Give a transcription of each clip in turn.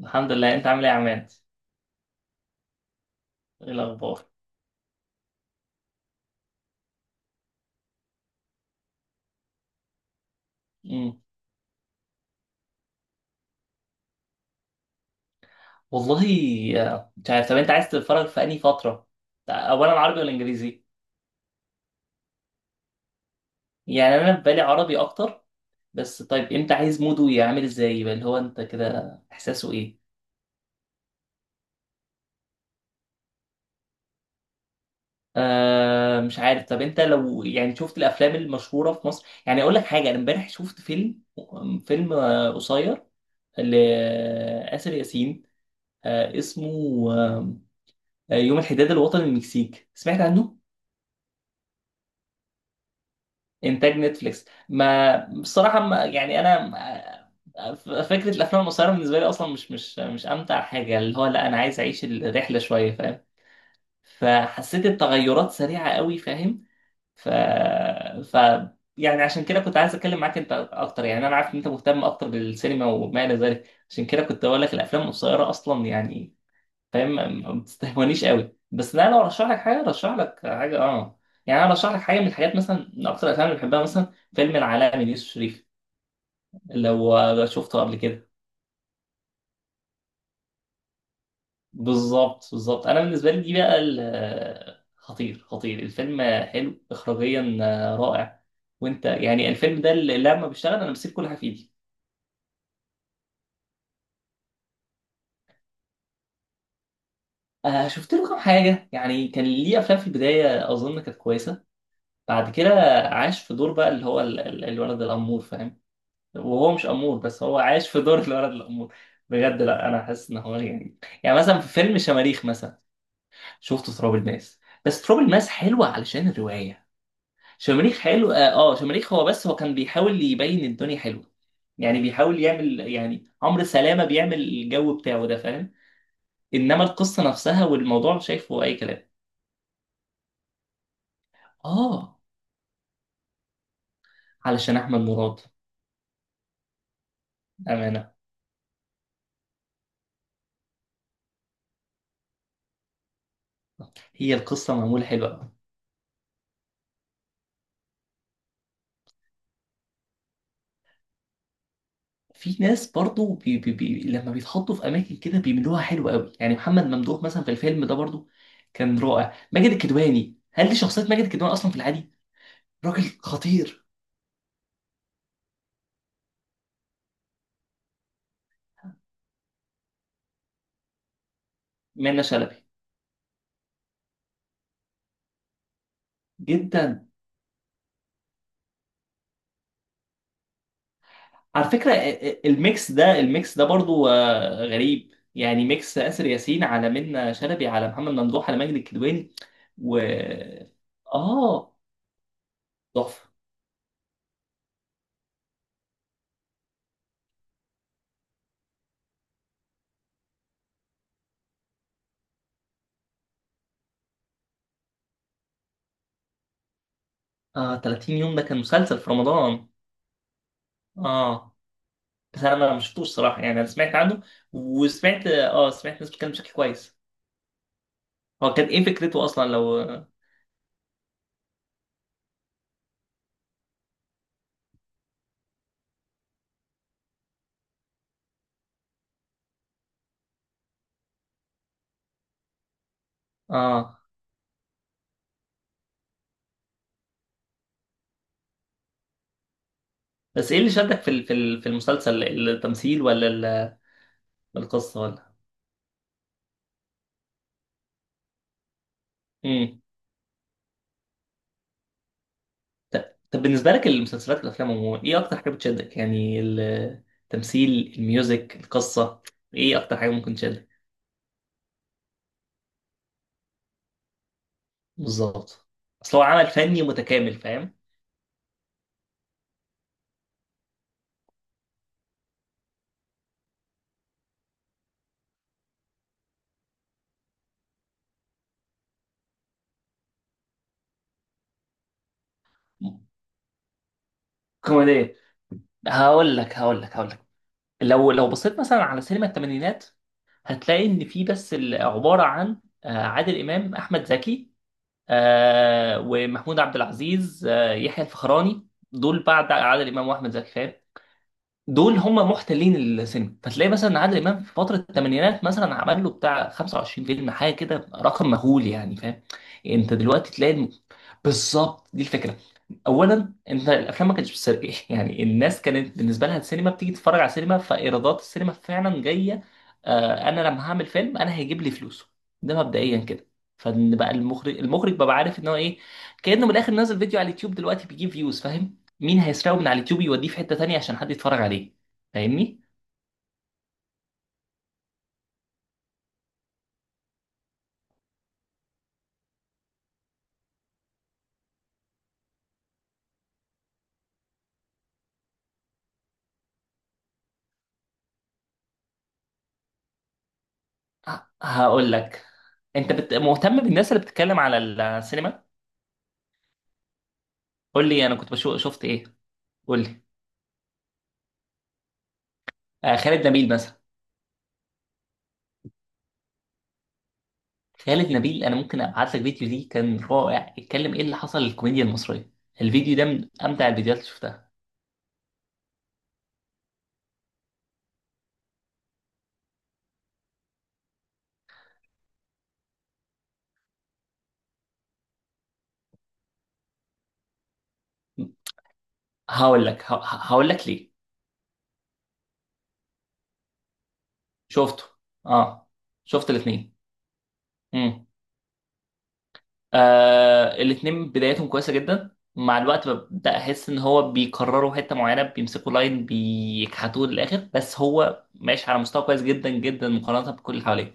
الحمد لله، انت عامل ايه يا عماد؟ ايه الاخبار؟ مم. والله، مش عارف. طب انت عايز تتفرج في انهي فتره؟ اولا عربي ولا انجليزي؟ يعني انا في بالي عربي اكتر، بس طيب انت عايز موده يعمل ازاي؟ يبقى اللي هو انت كده احساسه ايه؟ آه مش عارف. طب انت لو يعني شفت الافلام المشهوره في مصر، يعني اقول لك حاجه، انا امبارح شفت فيلم، فيلم قصير لآسر ياسين. آه اسمه يوم الحداد الوطني، المكسيك، سمعت عنه؟ انتاج نتفليكس. ما بصراحه ما يعني انا فكره الافلام القصيره بالنسبه لي اصلا مش امتع حاجه، اللي هو لا انا عايز اعيش الرحله شويه، فاهم؟ فحسيت التغيرات سريعه قوي، فاهم؟ ف ف يعني عشان كده كنت عايز اتكلم معاك انت اكتر. يعني انا عارف ان انت مهتم اكتر بالسينما وما الى ذلك، عشان كده كنت اقول لك الافلام القصيره اصلا يعني فاهم، ما بتستهونيش قوي. بس لا، لو ارشح لك حاجه ارشح لك حاجه اه. يعني انا ارشح لك حاجه من الحاجات، مثلا من اكتر الافلام اللي بحبها مثلا فيلم العالمي ليوسف شريف، اللي هو شفته قبل كده. بالظبط بالظبط. انا بالنسبه لي دي بقى خطير خطير. الفيلم حلو اخراجيا، رائع. وانت يعني الفيلم ده اللي لما بيشتغل انا بسيب كل حاجه في ايدي. آه شفت له كام حاجه، يعني كان ليه افلام في البدايه اظن كانت كويسه. بعد كده عاش في دور بقى اللي هو الولد الامور، فاهم؟ وهو مش امور، بس هو عايش في دور الولد الامور. بجد لا، انا حاسس ان هو يعني. يعني مثلا في فيلم شماريخ مثلا. شفت تراب الماس، بس تراب الماس حلوه علشان الروايه. شماريخ حلو اه، شماريخ هو بس هو كان بيحاول يبين الدنيا حلوه، يعني بيحاول يعمل، يعني عمرو سلامه بيعمل الجو بتاعه ده فاهم. انما القصه نفسها والموضوع شايفه اي كلام. اه علشان احمد مراد. امانه. هي القصه معموله حلوه أوي. في ناس برضو بي بي بي لما بيتحطوا في اماكن كده بيعملوها حلوه قوي. يعني محمد ممدوح مثلا في الفيلم ده برضو كان رائع. ماجد الكدواني، هل دي شخصيه ماجد الكدواني اصلا في العادي؟ راجل خطير. منة شلبي. جدا. على فكره الميكس ده، الميكس ده برضو غريب. يعني ميكس آسر ياسين على منة شلبي على محمد ممدوح على ماجد الكدواني. و اه تحفه. اه 30 يوم ده كان مسلسل في رمضان. اه بس انا ما شفتوش صراحه، يعني انا سمعت عنه. وسمعت اه، سمعت ناس بتتكلم بشكل كويس. هو كان ايه فكرته اصلا لو. اه بس ايه اللي شدك في في المسلسل؟ التمثيل ولا ولا القصه ولا. امم طب بالنسبه لك المسلسلات والافلام عموما ايه اكتر حاجه بتشدك؟ يعني التمثيل، الميوزك، القصه، ايه اكتر حاجه ممكن تشدك؟ بالظبط. اصل هو عمل فني متكامل، فاهم. كوميديه. هقول لك. لو لو بصيت مثلا على سينما الثمانينات هتلاقي ان في بس عباره عن عادل امام، احمد زكي، ومحمود عبد العزيز، يحيى الفخراني. دول بعد عادل امام واحمد زكي، فاهم. دول هم محتلين السينما. فتلاقي مثلا عادل امام في فتره الثمانينات مثلا عمل له بتاع 25 فيلم حاجه كده، رقم مهول يعني فاهم. انت دلوقتي تلاقي بالظبط دي الفكره. اولا انت الافلام ما كانتش بتسرق يعني الناس كانت بالنسبه لها السينما بتيجي تتفرج على السينما، فايرادات السينما فعلا جايه. آه انا لما هعمل فيلم انا هيجيب لي فلوسه. ده مبدئيا كده. فان بقى المخرج، المخرج بقى عارف ان هو ايه، كانه من الاخر نازل فيديو على اليوتيوب دلوقتي بيجيب فيوز، فاهم؟ مين هيسرقه من على اليوتيوب يوديه في حتة تانية عشان حد يتفرج عليه؟ فاهمني. هقول لك. انت مهتم بالناس اللي بتتكلم على السينما. قول لي انا كنت بشوف شفت ايه. قول لي. آه خالد نبيل مثلا. خالد نبيل انا ممكن ابعت لك فيديو ليه، كان رائع. اتكلم ايه اللي حصل للكوميديا المصرية. الفيديو ده من امتع الفيديوهات اللي شفتها. هقول لك ه... ه- هقول لك ليه. شفته. اه شفت الاثنين. آه الاتنين بدايتهم كويسة جدا، مع الوقت ببدأ أحس إن هو بيكرروا حتة معينة، بيمسكوا لاين بيكحتوه للآخر، بس هو ماشي على مستوى كويس جدا جدا مقارنة بكل اللي حواليه.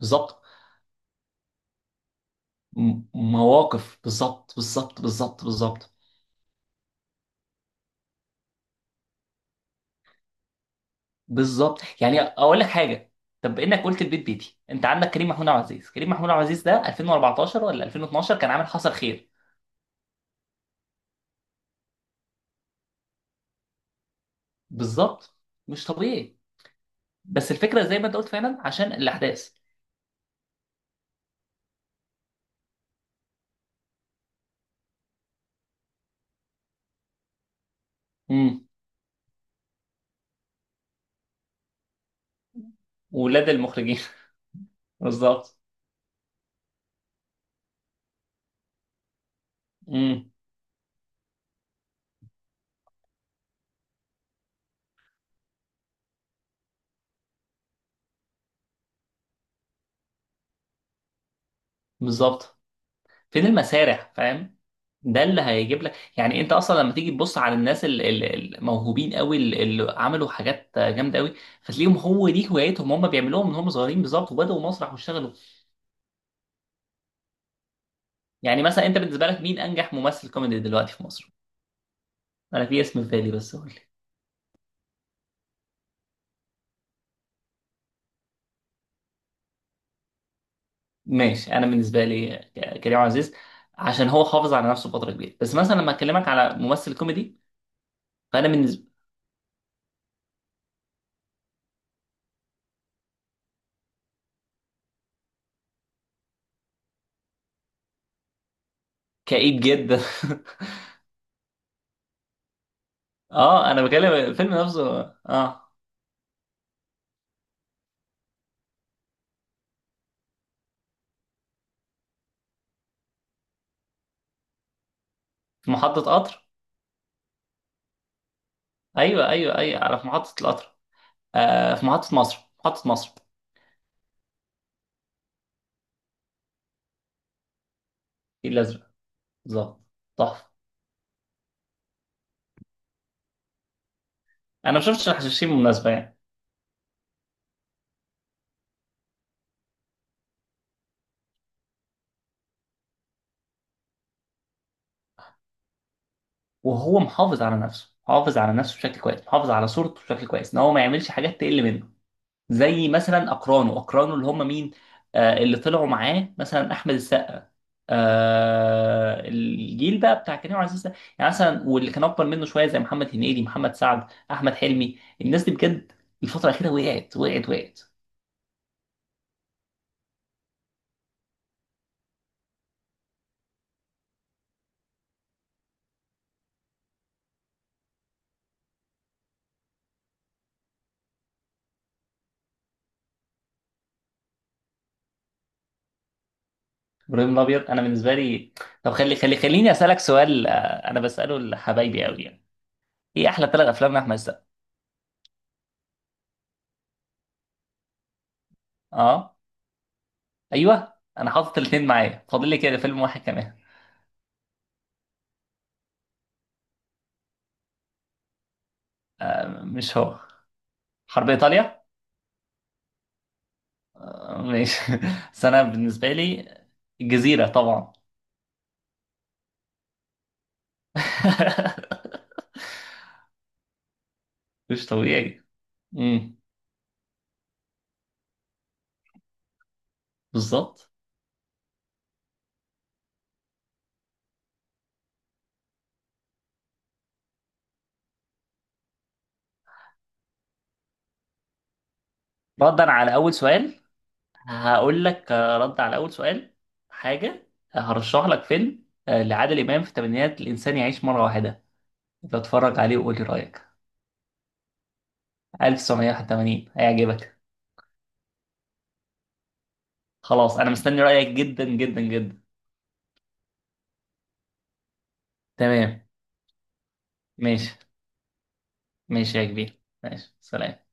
بالظبط. مواقف. بالظبط بالظبط بالظبط بالظبط بالظبط. يعني أقول لك حاجة. طب إنك قلت البيت بيتي، أنت عندك كريم محمود عبد العزيز. كريم محمود عبد العزيز ده 2014 ولا 2012، كان عامل حصل خير. بالظبط. مش طبيعي. بس الفكرة زي ما أنت قلت فعلا عشان الأحداث. امم. ولاد المخرجين. بالظبط. امم. بالظبط. فين المسارح، فاهم. ده اللي هيجيب لك، يعني انت اصلا لما تيجي تبص على الناس الموهوبين قوي، اللي عملوا حاجات جامده قوي، فتلاقيهم هو دي هوايتهم هم بيعملوها من هم صغيرين، بالظبط وبداوا مسرح واشتغلوا. يعني مثلا انت بالنسبه لك مين انجح ممثل كوميدي دلوقتي في مصر؟ انا في اسم في بالي بس قول لي. ماشي. انا بالنسبه لي كريم عزيز، عشان هو حافظ على نفسه فتره كبيره. بس مثلا لما اكلمك على ممثل كوميدي. فانا بالنسبه. كئيب جدا. اه انا بكلم الفيلم نفسه. اه في محطة قطر. ايوه ايوه ايوه، على في محطة القطر. آه في محطة مصر، محطة مصر. الفيل الازرق. بالظبط. تحفة. انا ما شفتش الحشاشين بالمناسبة يعني. وهو محافظ على نفسه، محافظ على نفسه بشكل كويس، محافظ على صورته بشكل كويس، ان هو ما يعملش حاجات تقل منه زي مثلا اقرانه. اللي هم مين؟ آه اللي طلعوا معاه مثلا احمد السقا. آه الجيل بقى بتاع كريم عبد العزيز ده. يعني مثلا، واللي كان اكبر منه شويه زي محمد هنيدي، محمد سعد، احمد حلمي. الناس دي بجد الفتره الاخيره وقعت وقعت وقعت. ابراهيم الابيض، انا بالنسبه لي. طب خليني اسالك سؤال، انا بساله لحبايبي قوي يعني. ايه احلى 3 افلام لاحمد السقا؟ اه. ايوه انا حاطط الاثنين معايا، فاضل لي كده فيلم واحد كمان. مش هو. حرب ايطاليا. ماشي. بس انا بالنسبه لي جزيره طبعا. مش طبيعي. امم. بالظبط. ردا على اول سؤال هقول لك، رد على اول سؤال، حاجه، هرشح لك فيلم لعادل امام في الثمانينات، الانسان يعيش مره واحده. اتفرج عليه وقول لي رايك. 1981 هيعجبك. خلاص انا مستني رايك جدا جدا جدا. تمام. ماشي. ماشي يا كبير، ماشي سلام.